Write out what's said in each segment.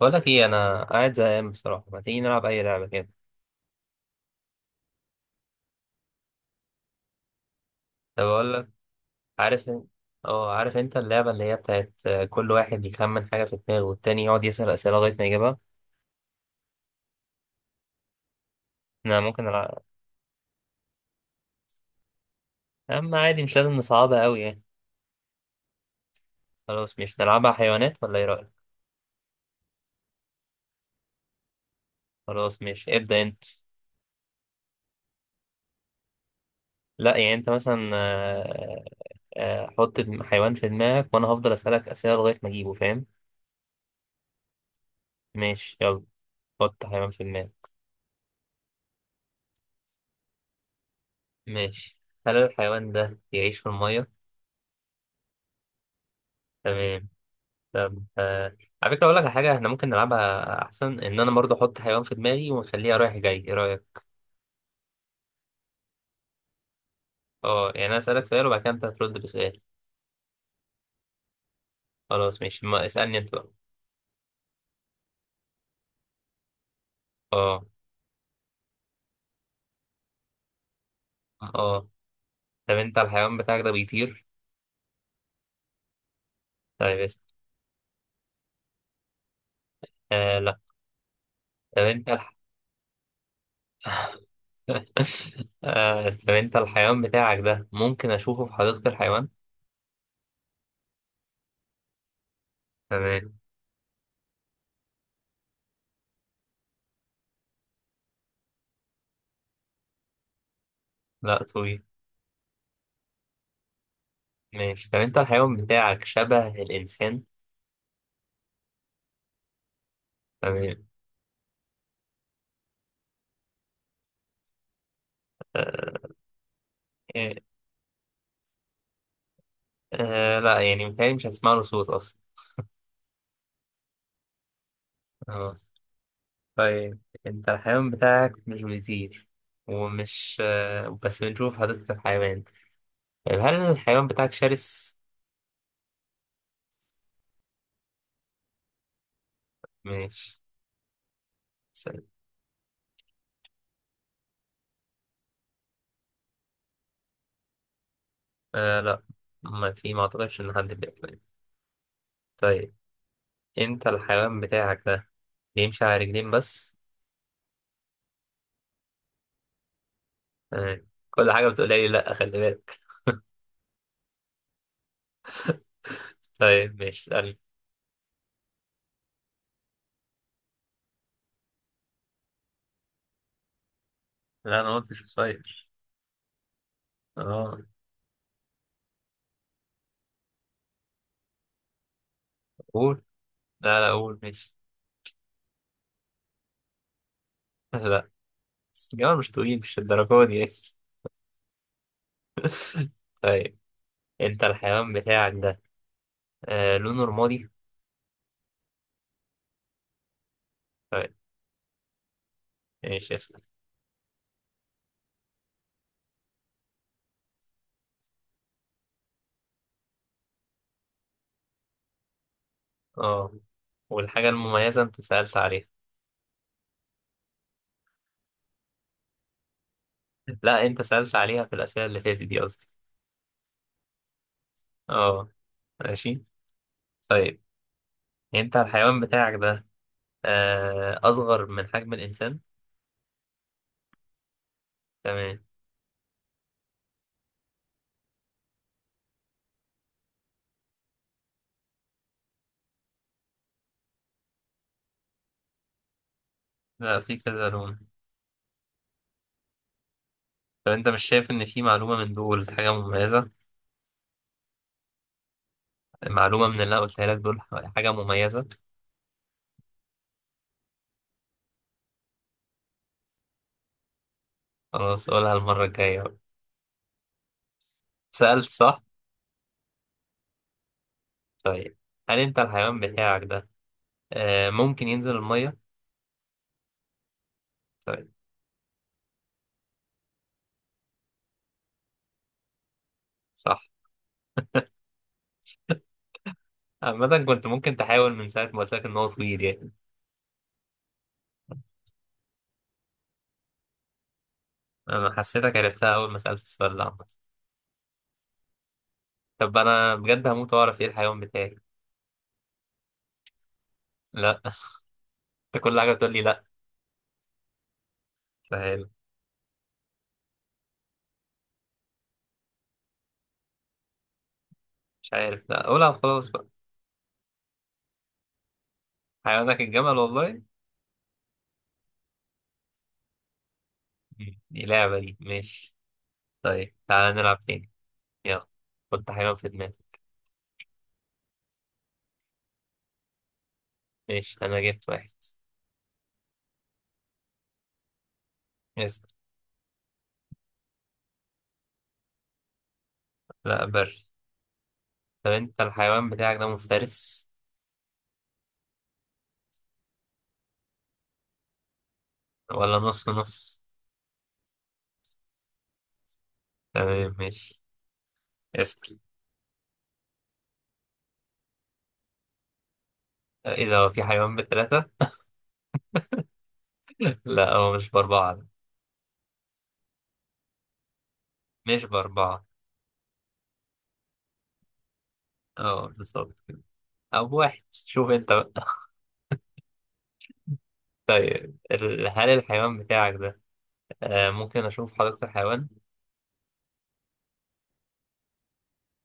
بقول لك ايه، انا قاعد زهقان بصراحه. ما تيجي نلعب اي لعبه كده؟ طب اقول لك. عارف إن- اه، عارف انت اللعبه اللي هي بتاعت، كل واحد يخمن حاجه في دماغه والتاني يقعد يسال اسئله لغايه ما يجيبها. انا ممكن العب. اما عادي، مش لازم نصعبها قوي يعني. خلاص، مش نلعبها حيوانات ولا ايه رايك؟ خلاص مش ابدا انت. لا يعني انت مثلا، حط حيوان في دماغك وانا هفضل اسالك اسئله لغايه ما اجيبه، فاهم؟ ماشي، يلا. حط حيوان في دماغك. ماشي. هل الحيوان ده بيعيش في الميه؟ تمام. طب، على فكرة أقول لك على حاجة إحنا ممكن نلعبها أحسن، إن أنا برضه أحط حيوان في دماغي ونخليها رايح جاي، إيه رأيك؟ أه، يعني أنا أسألك سؤال وبعد كده أنت هترد بسؤال. خلاص ماشي، ما اسألني أنت بقى. أه. أه. طب أنت الحيوان بتاعك ده بيطير؟ طيب اسأل. آه، لا. طب أنت الح... طب أنت الحيوان بتاعك ده ممكن أشوفه في حديقة الحيوان؟ تمام. لا، طويل. ماشي، طب أنت الحيوان بتاعك شبه الإنسان؟ تمام. آه. آه. لا يعني متهيألي مش هتسمع له صوت أصلا. آه. طيب، انت الحيوان بتاعك مش بيطير، ومش بس بنشوف حديقة الحيوان. طيب هل الحيوان بتاعك شرس؟ ماشي. سلام. آه، لا. ما اعتقدش ان حد بياكل. طيب، انت الحيوان بتاعك ده بيمشي على رجلين بس. تمام، كل حاجة بتقولها لي لا، خلي بالك. طيب ماشي، اسألني. لا انا ما قلتش قصير. اه. قول. لا، لا، قول ماشي. لا، بس الجماعة مش طويل، مش الدرجة دي. طيب، انت الحيوان بتاعك ده لونه رمادي؟ طيب. ماشي اسأل. اه، والحاجة المميزة انت سألت عليها. لا، انت سألت عليها في الأسئلة اللي فاتت دي، قصدي. اه. ماشي. طيب. انت الحيوان بتاعك ده أصغر من حجم الإنسان؟ تمام. لا، في كذا لون. طب انت مش شايف ان في معلومة من دول حاجة مميزة؟ معلومة من اللي انا قلتها لك دول، حاجة مميزة. خلاص قولها المرة الجاية بقى. سألت صح. طيب هل انت الحيوان بتاعك ده ممكن ينزل المية؟ طيب. صح. عامة كنت ممكن تحاول من ساعة ما قلت لك إن هو صغير يعني. أنا حسيتك عرفتها أول ما سألت السؤال ده، عامة. طب أنا بجد هموت وأعرف إيه الحيوان بتاعي. لا. أنت كل حاجة بتقول لي لا. سهل. مش عارف، لا قولها خلاص بقى. حيوانك الجمل والله. مم. دي لعبة دي، ماشي. طيب تعالى نلعب تاني. يلا. حط حيوان في دماغك. ماشي، أنا جبت واحد. اسأل. لا، بري. طب أنت الحيوان بتاعك ده مفترس؟ ولا نص نص؟ تمام ماشي، اسأل. إيه ده، هو في حيوان بتلاتة؟ لا، هو مش بأربعة. مش بأربعة. اه، بالظبط كده. أو بواحد، شوف أنت بقى. طيب، هل الحيوان بتاعك ده ممكن أشوف حديقة الحيوان؟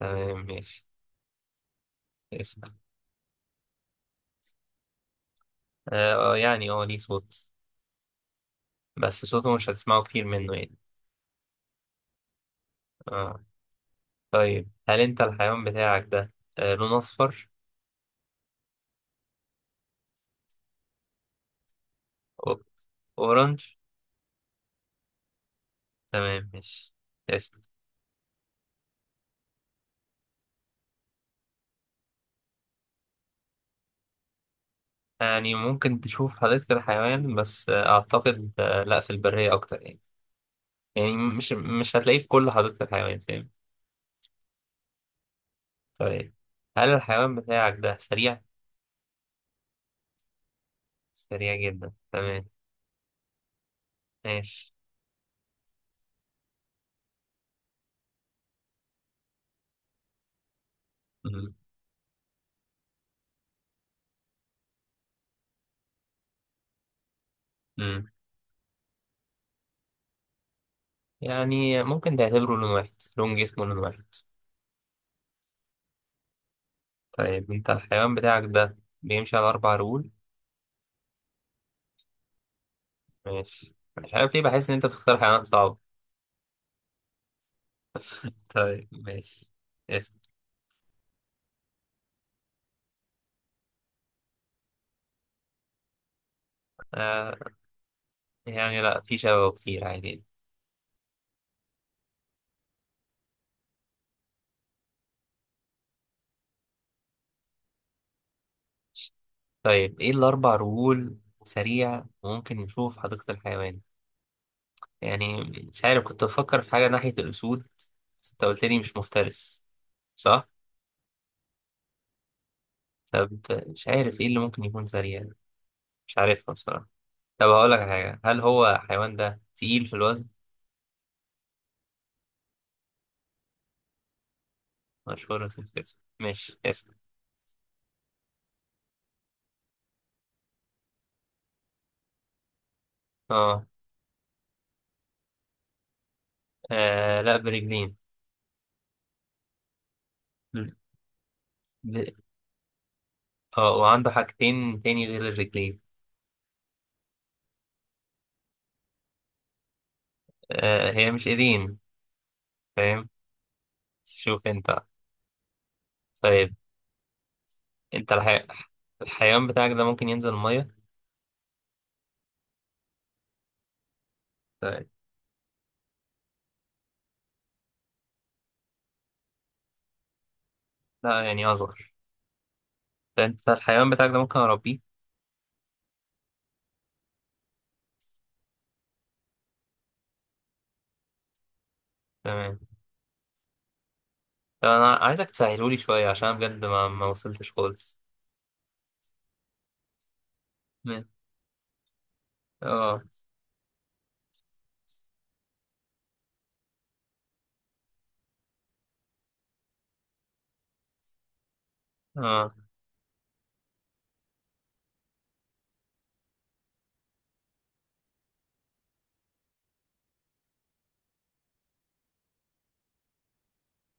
تمام ماشي، اسأل. يعني ليه صوت، بس صوته مش هتسمعه كتير منه يعني. اه. طيب هل أنت الحيوان بتاعك ده لون أصفر؟ أو- أورنج؟ تمام ماشي، اسأل. يعني ممكن تشوف حديقة الحيوان، بس أعتقد لأ، في البرية أكتر يعني. يعني مش هتلاقيه في كل حديقة الحيوان، فاهم. طيب هل الحيوان بتاعك ده سريع؟ سريع جدا، تمام. ماشي. مم. مم. يعني ممكن تعتبره لون واحد، لون جسمه لون واحد. طيب انت الحيوان بتاعك ده بيمشي على أربع رجول. ماشي، مش عارف ليه بحس إن أنت بتختار حيوانات صعبة. طيب ماشي، اسم. آه يعني لأ، في شبه كتير عادي. طيب، إيه الأربع رجول، سريع، ممكن نشوفه في حديقة الحيوان. يعني مش عارف، كنت بفكر في حاجة ناحية الأسود بس أنت قلت لي مش مفترس، صح؟ طب مش عارف ايه اللي ممكن يكون سريع. مش عارفها بصراحة. طب هقول لك على حاجة، هل هو الحيوان ده تقيل في الوزن؟ مشهور في الجسم، ماشي اسأل. اه. آه، لا، برجلين. ب... اه، وعنده حاجتين تاني غير الرجلين. هي مش ايدين، فاهم، بس شوف انت. طيب انت الحيوان بتاعك ده ممكن ينزل المية؟ طيب. لا يعني، اصغر. ده انت الحيوان بتاعك ده ممكن اربيه. تمام. طب انا عايزك تسهلولي شوية، عشان أنا بجد ما وصلتش خالص. م- اه. اه.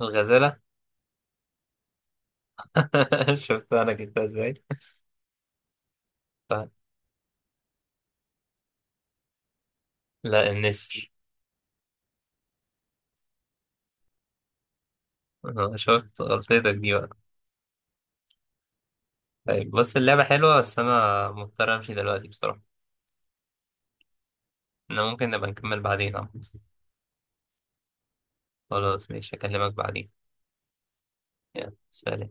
الغزالة. شفت انا جبتها ازاي. ف- لا، النسر. شفت غلطتك دي بقى. طيب بص، اللعبة حلوة بس انا مضطر امشي دلوقتي بصراحة. انا ممكن نبقى نكمل بعدين، عمد. خلاص ماشي، اكلمك بعدين. يلا، سلام.